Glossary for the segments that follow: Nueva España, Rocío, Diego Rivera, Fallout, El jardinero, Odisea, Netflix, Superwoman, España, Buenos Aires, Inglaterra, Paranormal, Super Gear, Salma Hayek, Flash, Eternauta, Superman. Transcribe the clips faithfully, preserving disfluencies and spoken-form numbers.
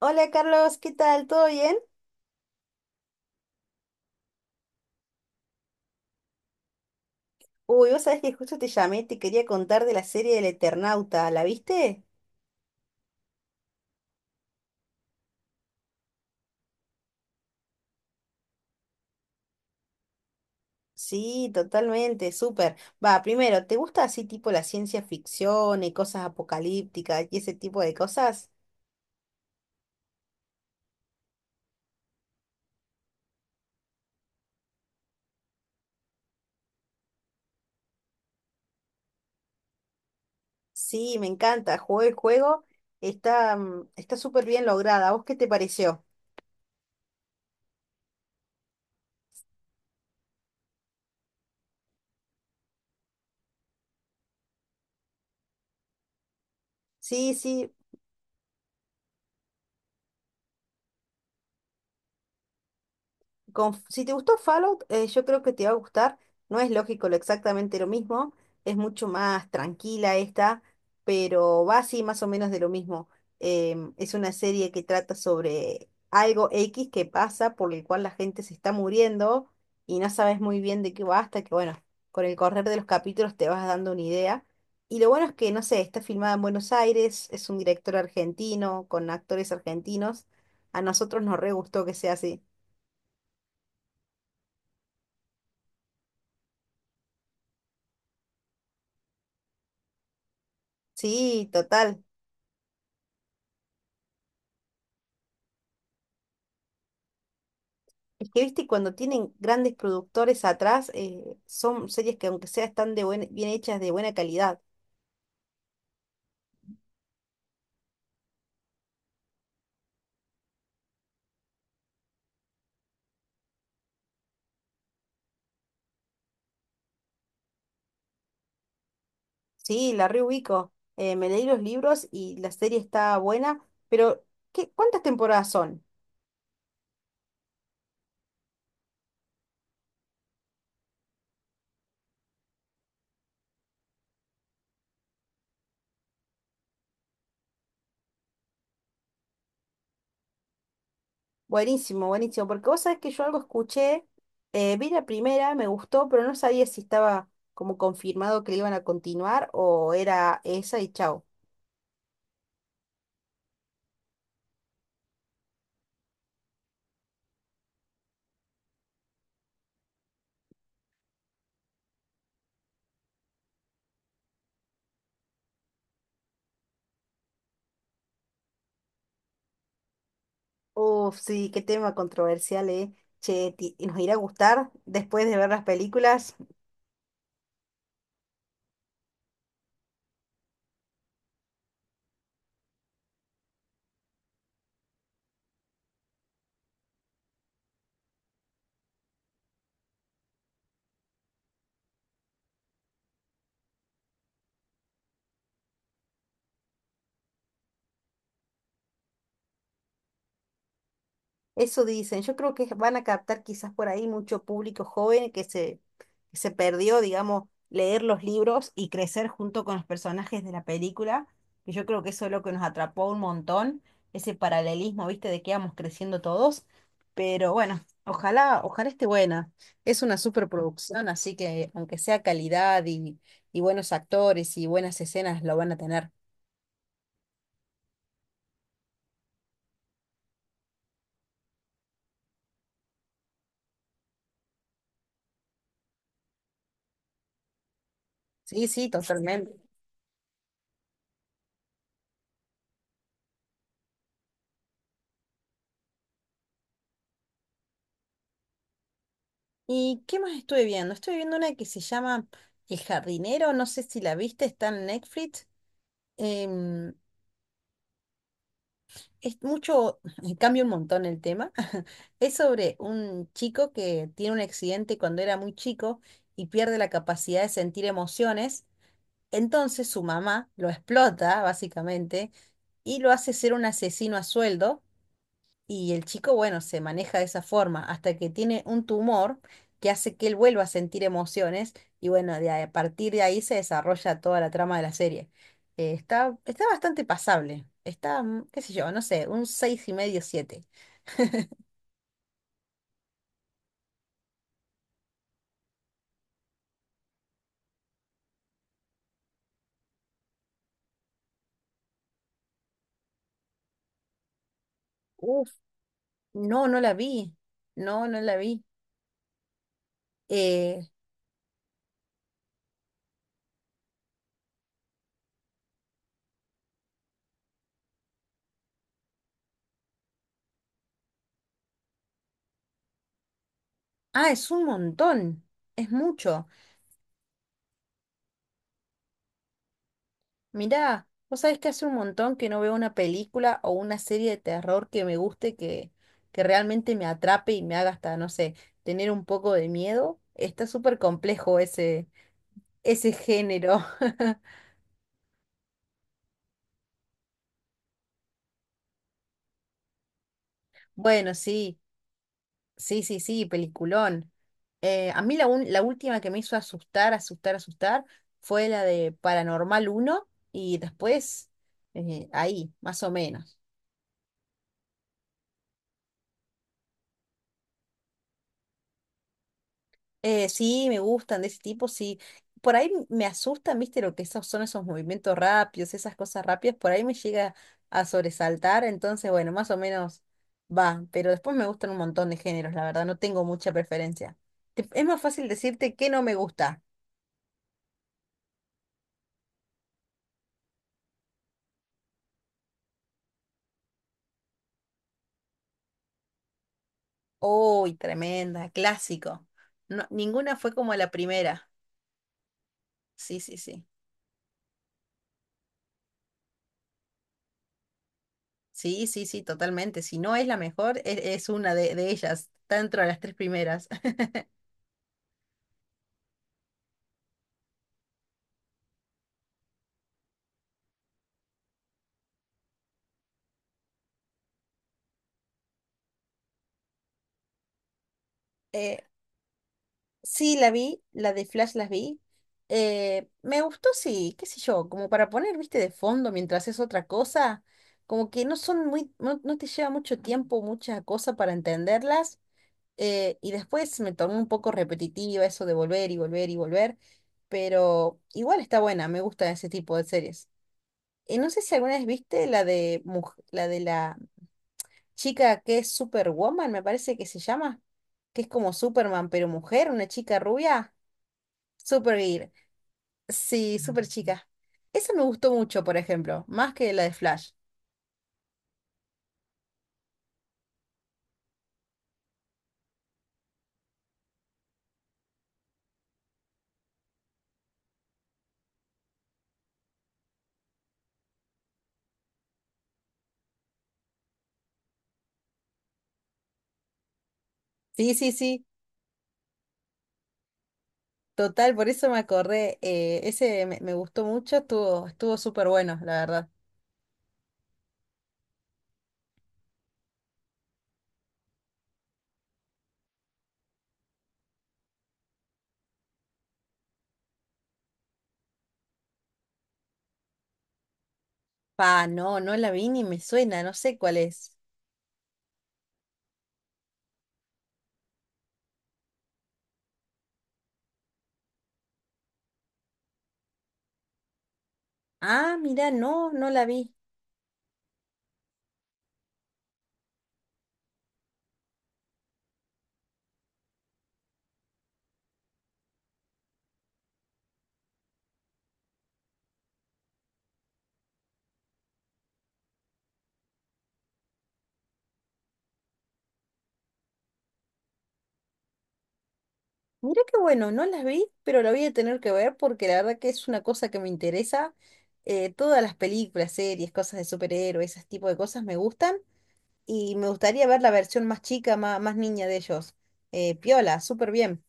Hola Carlos, ¿qué tal? ¿Todo bien? Uy, vos sabés que justo te llamé te quería contar de la serie del Eternauta, ¿la viste? Sí, totalmente, súper. Va, primero, ¿te gusta así tipo la ciencia ficción y cosas apocalípticas y ese tipo de cosas? Sí, me encanta, jugué el juego, está mm, está súper bien lograda. ¿A vos qué te pareció? Sí, sí, con- si te gustó Fallout, eh, yo creo que te va a gustar. No es lógico lo exactamente lo mismo, es mucho más tranquila esta, pero va así más o menos de lo mismo. Em, es una serie que trata sobre algo X que pasa por el cual la gente se está muriendo y no sabes muy bien de qué va hasta que, bueno, con el correr de los capítulos te vas dando una idea. Y lo bueno es que, no sé, está filmada en Buenos Aires, es un director argentino, con actores argentinos. A nosotros nos re gustó que sea así. Sí, total. Es que, viste, cuando tienen grandes productores atrás, eh, son series que aunque sea están de buen- bien hechas, de buena calidad. Sí, la reubico. Eh, me leí los libros y la serie está buena, pero ¿qué, cuántas temporadas son? Buenísimo, buenísimo, porque vos sabés que yo algo escuché, eh, vi la primera, me gustó, pero no sabía si estaba como confirmado que le iban a continuar o era esa y chau. Uf, sí, qué tema controversial, ¿eh? Che, ti- ¿nos irá a gustar después de ver las películas? Eso dicen. Yo creo que van a captar quizás por ahí mucho público joven que se, que se perdió, digamos, leer los libros y crecer junto con los personajes de la película. Y yo creo que eso es lo que nos atrapó un montón, ese paralelismo, ¿viste? De que íbamos creciendo todos. Pero bueno, ojalá, ojalá esté buena. Es una superproducción, así que aunque sea calidad y, y buenos actores y buenas escenas, lo van a tener. Sí, sí, totalmente. ¿Y qué más estuve viendo? Estuve viendo una que se llama El jardinero, no sé si la viste, está en Netflix. Em, es mucho, cambia un montón el tema. Es sobre un chico que tiene un accidente cuando era muy chico y pierde la capacidad de sentir emociones. Entonces su mamá lo explota, básicamente, y lo hace ser un asesino a sueldo. Y el chico, bueno, se maneja de esa forma hasta que tiene un tumor que hace que él vuelva a sentir emociones y bueno, de ahí- a partir de ahí se desarrolla toda la trama de la serie. Eh, está, está bastante pasable. Está, mm, qué sé yo, no sé, un seis y medio, siete. Uf, no, no la vi. No, no la vi. Eh, ah, es un montón. Es mucho. Mirá, vos sabés que hace un montón que no veo una película o una serie de terror que me guste, que, que realmente me atrape y me haga hasta, no sé, tener un poco de miedo. Está súper complejo ese, ese género. Bueno, sí, sí, sí, sí, peliculón. Eh, a mí la, un- la última que me hizo asustar, asustar, asustar fue la de Paranormal uno y después eh, ahí, más o menos. Eh, sí, me gustan de ese tipo, sí. Por ahí me asustan, viste, lo que esos son esos movimientos rápidos, esas cosas rápidas, por ahí me llega a sobresaltar, entonces, bueno, más o menos va, pero después me gustan un montón de géneros, la verdad, no tengo mucha preferencia. Te- Es más fácil decirte que no me gusta. Uy, tremenda, clásico. No, ninguna fue como la primera. Sí, sí, sí. Sí, sí, sí, totalmente. Si no es la mejor, es, es una de, de ellas, está dentro de las tres primeras. Sí, la vi, la de Flash las vi. Eh, me gustó, sí, qué sé yo, como para poner, viste, de fondo mientras es otra cosa, como que no son muy, no, no te lleva mucho tiempo, mucha cosa para entenderlas. eh, y después me tornó un poco repetitiva eso de volver y volver y volver, pero igual está buena, me gusta ese tipo de series. Eh, no sé si alguna vez viste la de, muj- la de la chica que es Superwoman, me parece que se llama, que es como Superman, pero mujer, una chica rubia. Super Gear. Sí, super chica. Esa me gustó mucho, por ejemplo, más que la de Flash. Sí, sí, sí. Total, por eso me acordé. eh, ese me, me gustó mucho, estuvo, estuvo súper bueno, la verdad. Pa, no, no la vi ni me suena, no sé cuál es. Ah, mira, no, no la vi. Mira qué bueno, no la vi, pero la voy a tener que ver porque la verdad que es una cosa que me interesa. Eh, todas las películas, series, cosas de superhéroes, ese tipo de cosas me gustan. Y me gustaría ver la versión más chica, má- más, niña de ellos. Eh, piola, súper bien.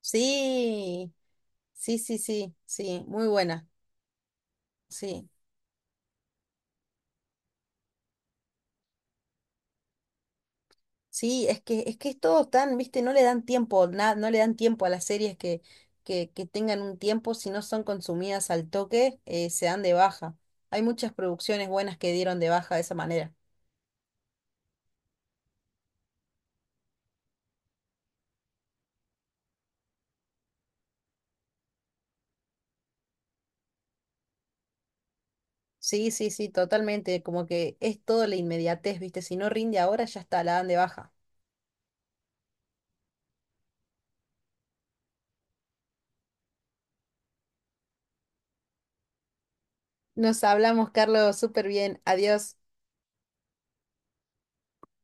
Sí, sí, sí, sí, sí, muy buena. Sí, sí, es que, es que es todo tan, viste, no le dan tiempo, na- no le dan tiempo a las series que, que, que tengan un tiempo, si no son consumidas al toque, eh, se dan de baja. Hay muchas producciones buenas que dieron de baja de esa manera. Sí, sí, sí, totalmente, como que es todo la inmediatez, viste, si no rinde ahora ya está, la dan de baja. Nos hablamos, Carlos, súper bien. Adiós.